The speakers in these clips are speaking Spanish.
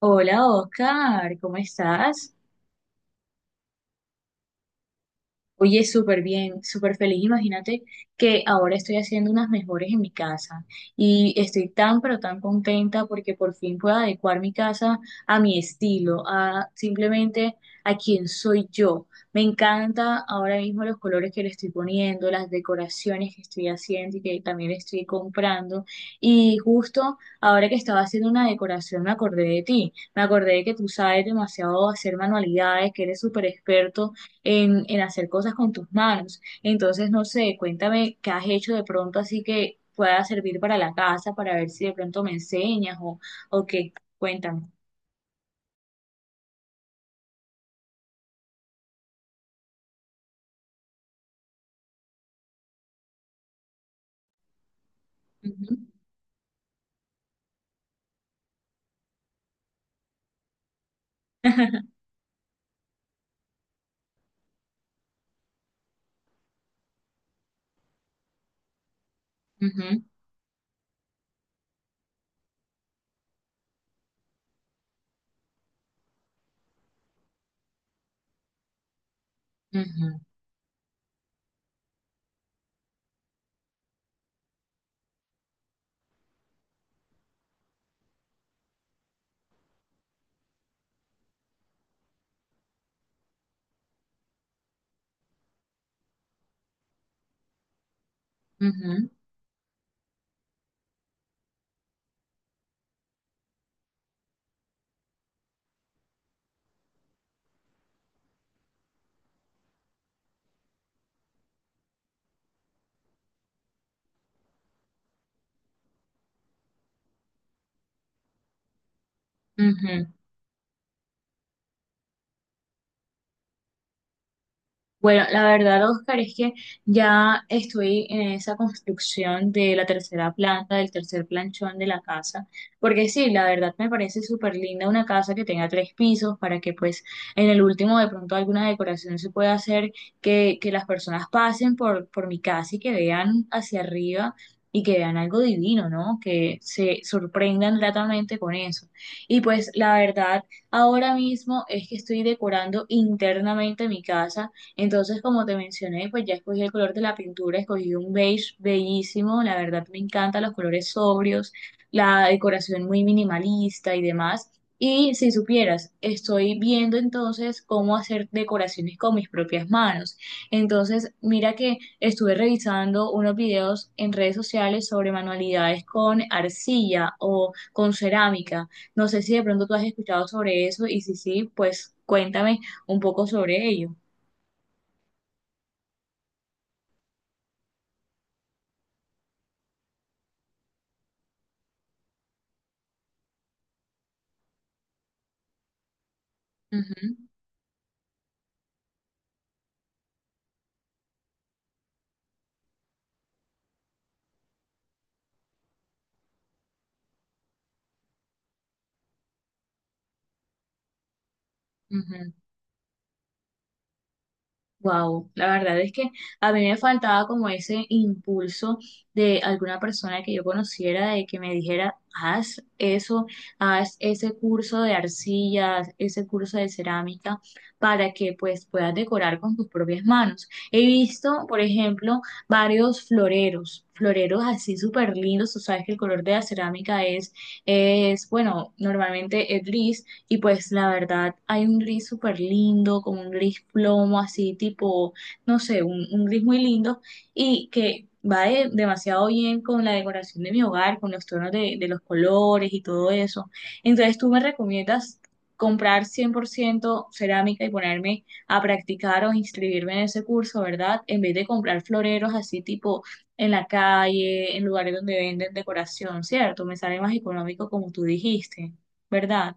Hola Oscar, ¿cómo estás? Oye, súper bien, súper feliz. Imagínate que ahora estoy haciendo unas mejores en mi casa y estoy tan, pero tan contenta porque por fin puedo adecuar mi casa a mi estilo, a simplemente a quién soy yo. Me encanta ahora mismo los colores que le estoy poniendo, las decoraciones que estoy haciendo y que también estoy comprando. Y justo ahora que estaba haciendo una decoración me acordé de ti. Me acordé de que tú sabes demasiado hacer manualidades, que eres súper experto en hacer cosas con tus manos. Entonces, no sé, cuéntame qué has hecho de pronto así que pueda servir para la casa, para ver si de pronto me enseñas o qué. Cuéntame. Ujú. Ujú, ujú, ujú, ujú. Ujú. Bueno, la verdad, Oscar, es que ya estoy en esa construcción de la tercera planta, del tercer planchón de la casa, porque sí, la verdad me parece súper linda una casa que tenga tres pisos para que pues en el último de pronto alguna decoración se pueda hacer, que las personas pasen por mi casa y que vean hacia arriba y que vean algo divino, ¿no? Que se sorprendan gratamente con eso. Y pues la verdad, ahora mismo es que estoy decorando internamente mi casa entonces, como te mencioné, pues ya escogí el color de la pintura, escogí un beige bellísimo, la verdad me encantan los colores sobrios, la decoración muy minimalista y demás. Y si supieras, estoy viendo entonces cómo hacer decoraciones con mis propias manos. Entonces, mira que estuve revisando unos videos en redes sociales sobre manualidades con arcilla o con cerámica. No sé si de pronto tú has escuchado sobre eso y si sí, pues cuéntame un poco sobre ello. Wow, la verdad es que a mí me faltaba como ese impulso de alguna persona que yo conociera, de que me dijera, haz eso, haz ese curso de arcillas, ese curso de cerámica, para que pues puedas decorar con tus propias manos. He visto, por ejemplo, varios floreros, floreros así súper lindos, tú sabes que el color de la cerámica es, bueno, normalmente es gris. Y pues la verdad, hay un gris súper lindo, como un gris plomo, así tipo, no sé, un gris muy lindo y que va demasiado bien con la decoración de mi hogar, con los tonos de los colores y todo eso. Entonces, ¿tú me recomiendas comprar 100% cerámica y ponerme a practicar o inscribirme en ese curso, ¿verdad? En vez de comprar floreros así tipo en la calle, en lugares donde venden decoración, ¿cierto? Me sale más económico como tú dijiste, ¿verdad?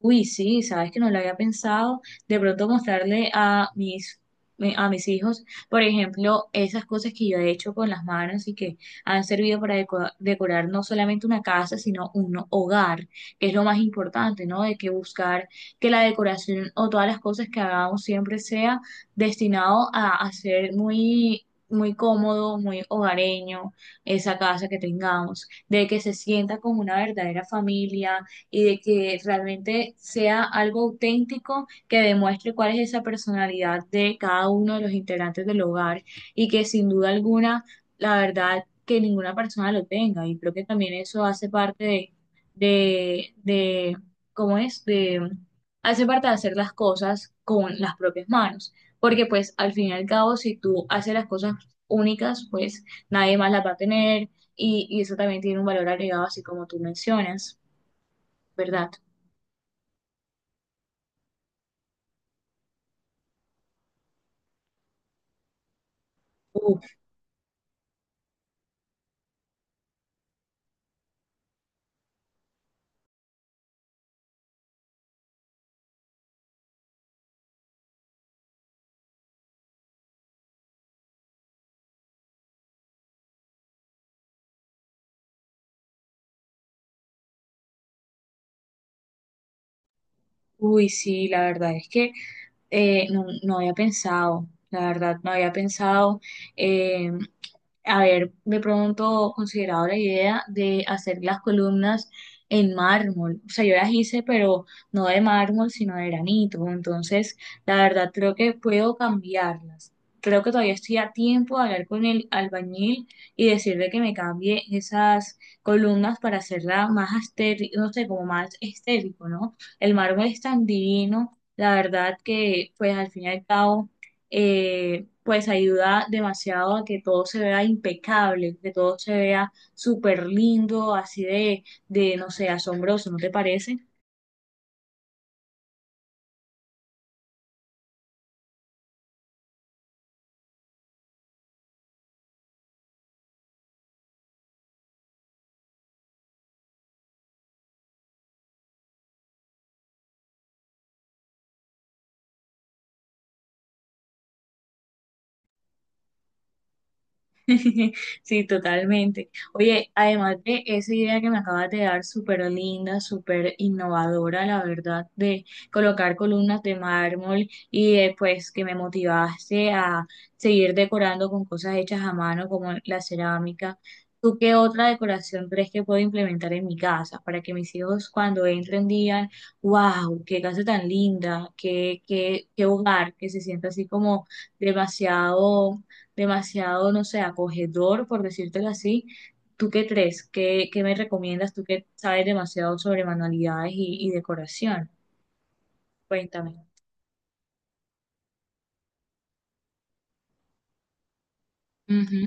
Uy, sí, sabes que no lo había pensado. De pronto mostrarle a mis, a mis hijos, por ejemplo, esas cosas que yo he hecho con las manos y que han servido para decorar no solamente una casa, sino un hogar, que es lo más importante, ¿no? De que buscar que la decoración o todas las cosas que hagamos siempre sea destinado a ser muy, muy cómodo, muy hogareño, esa casa que tengamos, de que se sienta como una verdadera familia y de que realmente sea algo auténtico que demuestre cuál es esa personalidad de cada uno de los integrantes del hogar y que sin duda alguna, la verdad, que ninguna persona lo tenga. Y creo que también eso hace parte de ¿cómo es? De, hace parte de hacer las cosas con las propias manos. Porque pues al fin y al cabo, si tú haces las cosas únicas, pues nadie más las va a tener y eso también tiene un valor agregado, así como tú mencionas, ¿verdad? Uf, uy, sí, la verdad es que no, no había pensado, la verdad, no había pensado. eh, haber de pronto considerado la idea de hacer las columnas en mármol. O sea, yo las hice, pero no de mármol, sino de granito. Entonces, la verdad, creo que puedo cambiarlas. Creo que todavía estoy a tiempo de hablar con el albañil y decirle que me cambie esas columnas para hacerla más estético, no sé, como más estético, ¿no? El mármol es tan divino, la verdad que, pues, al fin y al cabo, pues ayuda demasiado a que todo se vea impecable, que todo se vea súper lindo, así no sé, asombroso, ¿no te parece? Sí, totalmente. Oye, además de esa idea que me acabas de dar, súper linda, súper innovadora, la verdad, de colocar columnas de mármol y después que me motivaste a seguir decorando con cosas hechas a mano como la cerámica, ¿tú qué otra decoración crees que puedo implementar en mi casa para que mis hijos cuando entren digan, wow, qué casa tan linda, qué hogar, que se sienta así como demasiado demasiado, no sé, acogedor, por decírtelo así. ¿Tú qué crees? ¿Qué me recomiendas? Tú que sabes demasiado sobre manualidades y decoración. Cuéntame. Ujú.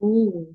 Uh.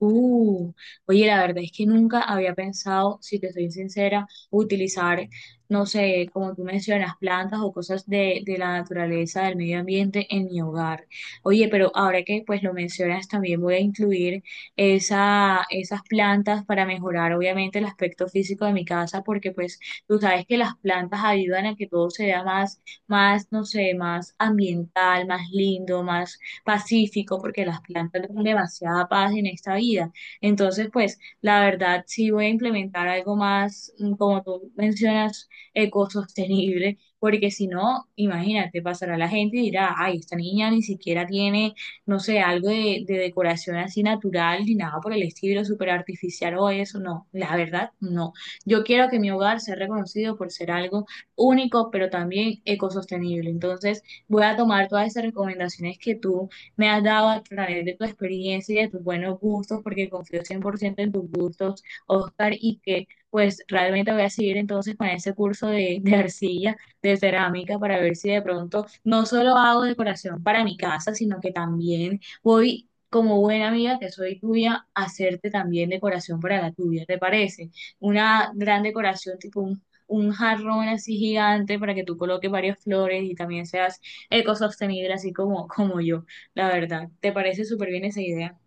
Uh, oye, la verdad es que nunca había pensado, si te soy sincera, utilizar, no sé, como tú mencionas, plantas o cosas de la naturaleza, del medio ambiente en mi hogar. Oye, pero ahora que pues lo mencionas, también voy a incluir esas plantas para mejorar obviamente el aspecto físico de mi casa, porque pues tú sabes que las plantas ayudan a que todo se vea más, más, no sé, más ambiental, más lindo, más pacífico, porque las plantas dan demasiada paz en esta vida. Entonces, pues, la verdad, sí voy a implementar algo más, como tú mencionas, ecosostenible, porque si no, imagínate, pasará la gente y dirá, ay, esta niña ni siquiera tiene, no sé, algo de decoración así natural, ni nada por el estilo, súper artificial o eso. No, la verdad, no. Yo quiero que mi hogar sea reconocido por ser algo único, pero también ecosostenible. Entonces, voy a tomar todas esas recomendaciones que tú me has dado a través de tu experiencia y de tus buenos gustos, porque confío 100% en tus gustos, Oscar, y que pues realmente voy a seguir entonces con ese curso de arcilla, de cerámica, para ver si de pronto no solo hago decoración para mi casa, sino que también voy como buena amiga que soy tuya, a hacerte también decoración para la tuya, ¿te parece? Una gran decoración tipo un jarrón así gigante para que tú coloques varias flores y también seas ecosostenible así como, como yo la verdad. ¿Te parece súper bien esa idea?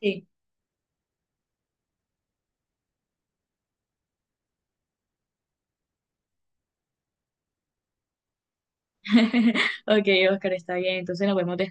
Sí. Ok, Oscar, está bien. Entonces nos vemos después.